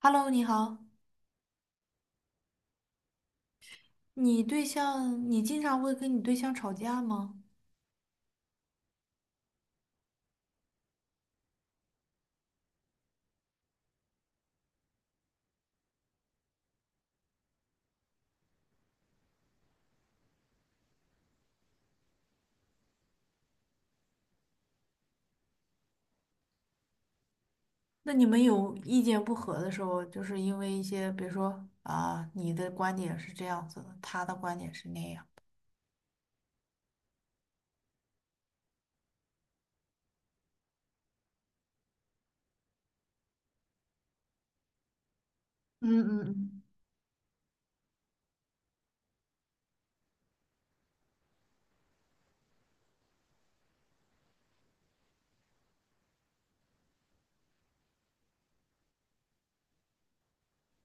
Hello，你好，你对象，你经常会跟你对象吵架吗？那你们有意见不合的时候，就是因为一些，比如说啊，你的观点是这样子的，他的观点是那样。嗯嗯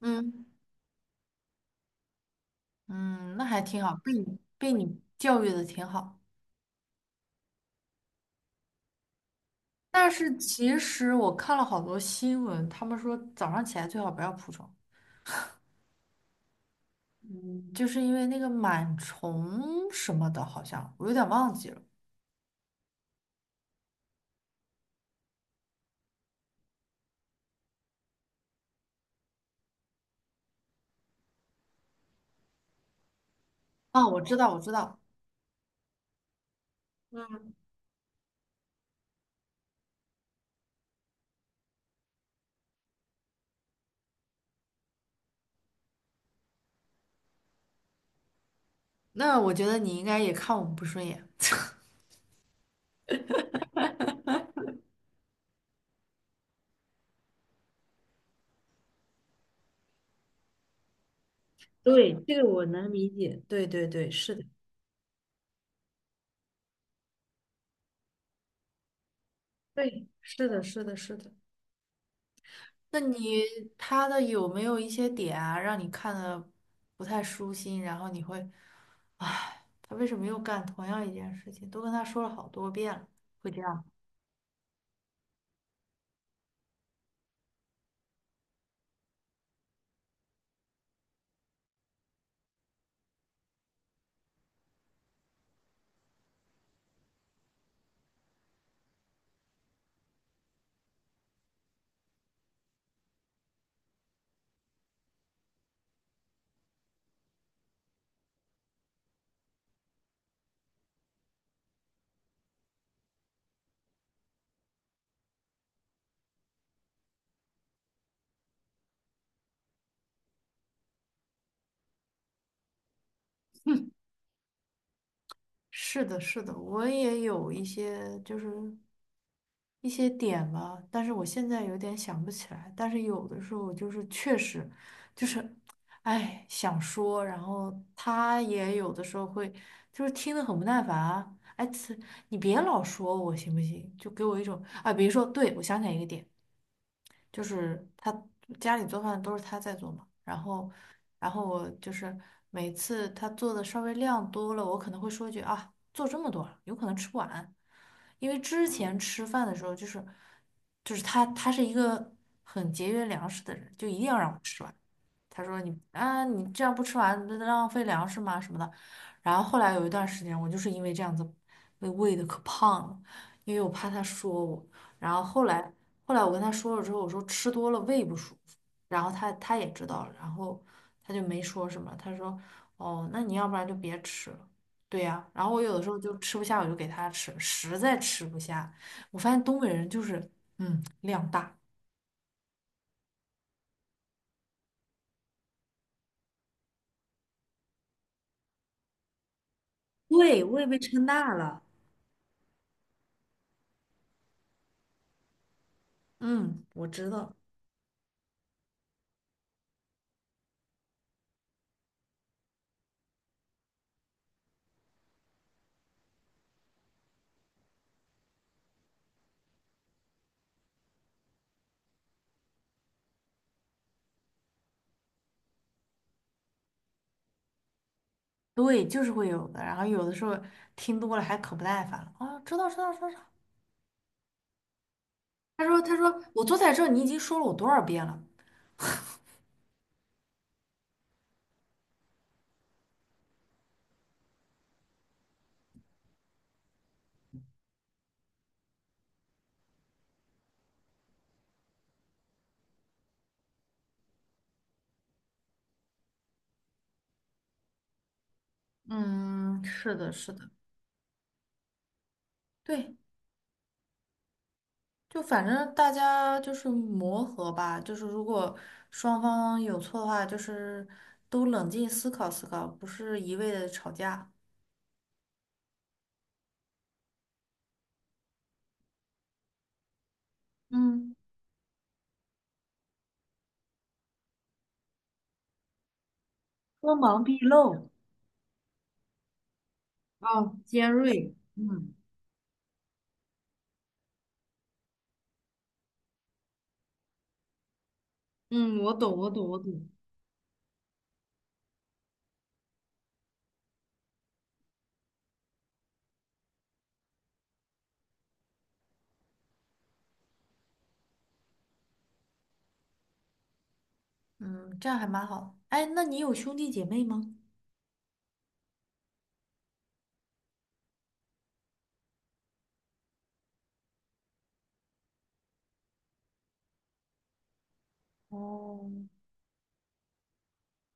嗯，嗯嗯，那还挺好，被你教育的挺好。但是其实我看了好多新闻，他们说早上起来最好不要铺床，嗯，就是因为那个螨虫什么的，好像我有点忘记了。哦，我知道，我知道。那我觉得你应该也看我们不顺眼。对，这个我能理解。对对对，是的，对，是的，是的，是的。那你他的有没有一些点啊，让你看的不太舒心，然后你会，唉，他为什么又干同样一件事情？都跟他说了好多遍了，会这样吗？是的，是的，我也有一些就是一些点吧，但是我现在有点想不起来。但是有的时候就是确实就是，哎，想说，然后他也有的时候会就是听得很不耐烦啊，哎，你别老说我行不行？就给我一种啊，比如说，对，我想起来一个点，就是他家里做饭都是他在做嘛，然后，然后我就是每次他做的稍微量多了，我可能会说一句啊，做这么多了，有可能吃不完，因为之前吃饭的时候就是，就是他是一个很节约粮食的人，就一定要让我吃完。他说你啊，你这样不吃完，那浪费粮食吗？什么的。然后后来有一段时间，我就是因为这样子被喂的可胖了，因为我怕他说我。然后后来我跟他说了之后，我说吃多了胃不舒服，然后他也知道了，然后他就没说什么。他说哦，那你要不然就别吃了。对呀，然后我有的时候就吃不下，我就给他吃，实在吃不下，我发现东北人就是嗯量大，对，我也被撑大了。嗯，我知道。对，就是会有的。然后有的时候听多了还可不耐烦了啊，知道知道知道。他说他说我坐在这儿，你已经说了我多少遍了？嗯，是的，是的，对，就反正大家就是磨合吧，就是如果双方有错的话，就是都冷静思考思考，不是一味的吵架，嗯，锋芒毕露。啊，尖锐，嗯嗯，我懂，我懂，我懂。嗯，这样还蛮好。哎，那你有兄弟姐妹吗？哦。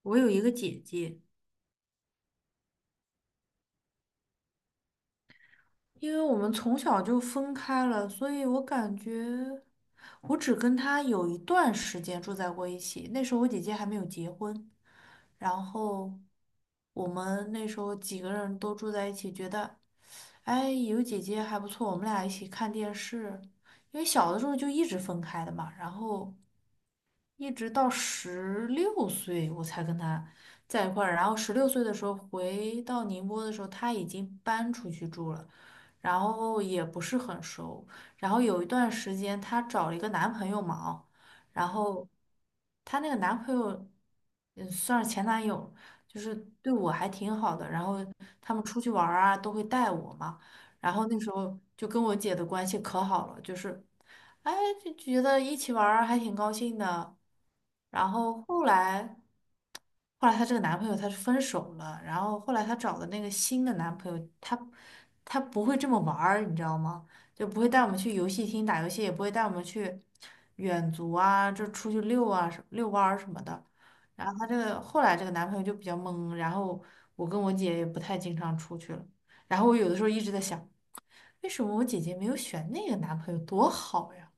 我有一个姐姐，因为我们从小就分开了，所以我感觉我只跟她有一段时间住在过一起。那时候我姐姐还没有结婚，然后我们那时候几个人都住在一起，觉得哎有姐姐还不错，我们俩一起看电视。因为小的时候就一直分开的嘛，然后一直到十六岁我才跟他在一块儿，然后十六岁的时候回到宁波的时候，他已经搬出去住了，然后也不是很熟，然后有一段时间她找了一个男朋友嘛，哦然后她那个男朋友，嗯，算是前男友，就是对我还挺好的，然后他们出去玩儿啊都会带我嘛，然后那时候就跟我姐的关系可好了，就是。哎，就觉得一起玩儿还挺高兴的。然后后来，后来她这个男朋友他是分手了，然后后来她找的那个新的男朋友，他不会这么玩儿，你知道吗？就不会带我们去游戏厅打游戏，也不会带我们去远足啊，就出去遛啊、什遛弯儿什么的。然后她这个后来这个男朋友就比较懵，然后我跟我姐也不太经常出去了。然后我有的时候一直在想，为什么我姐姐没有选那个男朋友，多好呀？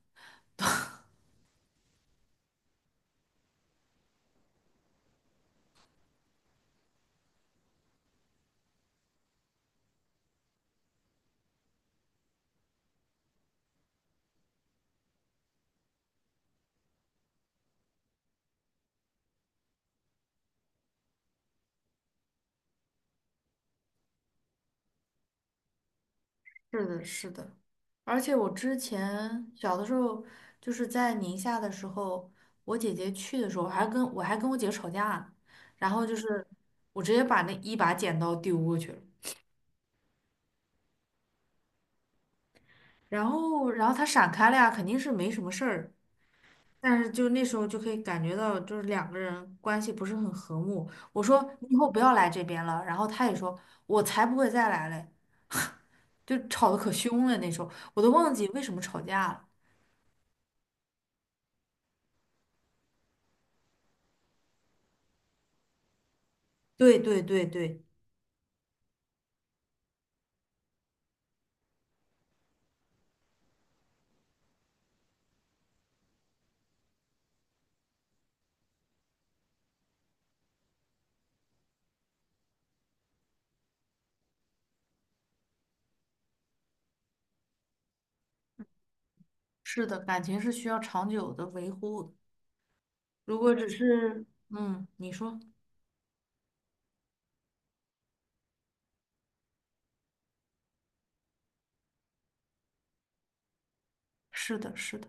是的，是的，而且我之前小的时候，就是在宁夏的时候，我姐姐去的时候，还跟我姐吵架，然后就是我直接把那一把剪刀丢过去了，然后她闪开了呀，肯定是没什么事儿，但是就那时候就可以感觉到，就是两个人关系不是很和睦。我说你以后不要来这边了，然后她也说我才不会再来嘞，就吵得可凶了，那时候我都忘记为什么吵架了。对对对对。是的，感情是需要长久的维护的。如果只是，嗯，你说，是的，是的。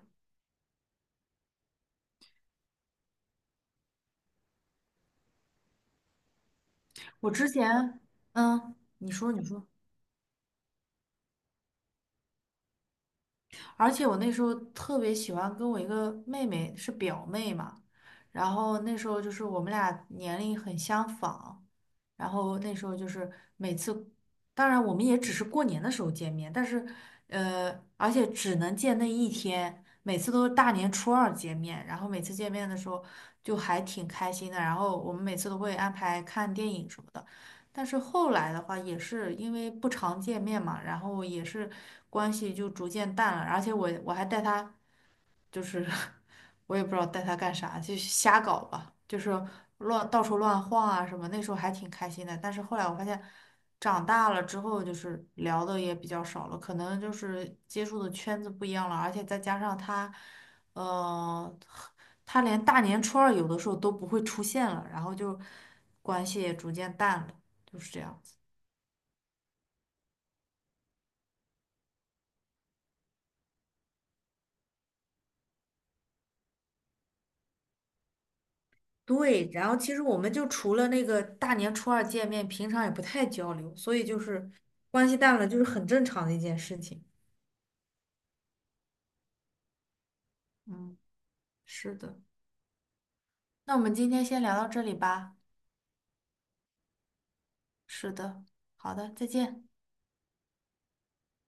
我之前，嗯，你说，你说。而且我那时候特别喜欢跟我一个妹妹，是表妹嘛，然后那时候就是我们俩年龄很相仿，然后那时候就是每次，当然我们也只是过年的时候见面，但是而且只能见那一天，每次都是大年初二见面，然后每次见面的时候就还挺开心的，然后我们每次都会安排看电影什么的。但是后来的话，也是因为不常见面嘛，然后也是关系就逐渐淡了，而且我还带他就是 我也不知道带他干啥，就瞎搞吧，就是乱到处乱晃啊什么。那时候还挺开心的，但是后来我发现，长大了之后就是聊的也比较少了，可能就是接触的圈子不一样了，而且再加上他，呃，他连大年初二有的时候都不会出现了，然后就关系也逐渐淡了，就是这样。对，然后其实我们就除了那个大年初二见面，平常也不太交流，所以就是关系淡了，就是很正常的一件事情。嗯，是的。那我们今天先聊到这里吧。是的，好的，再见。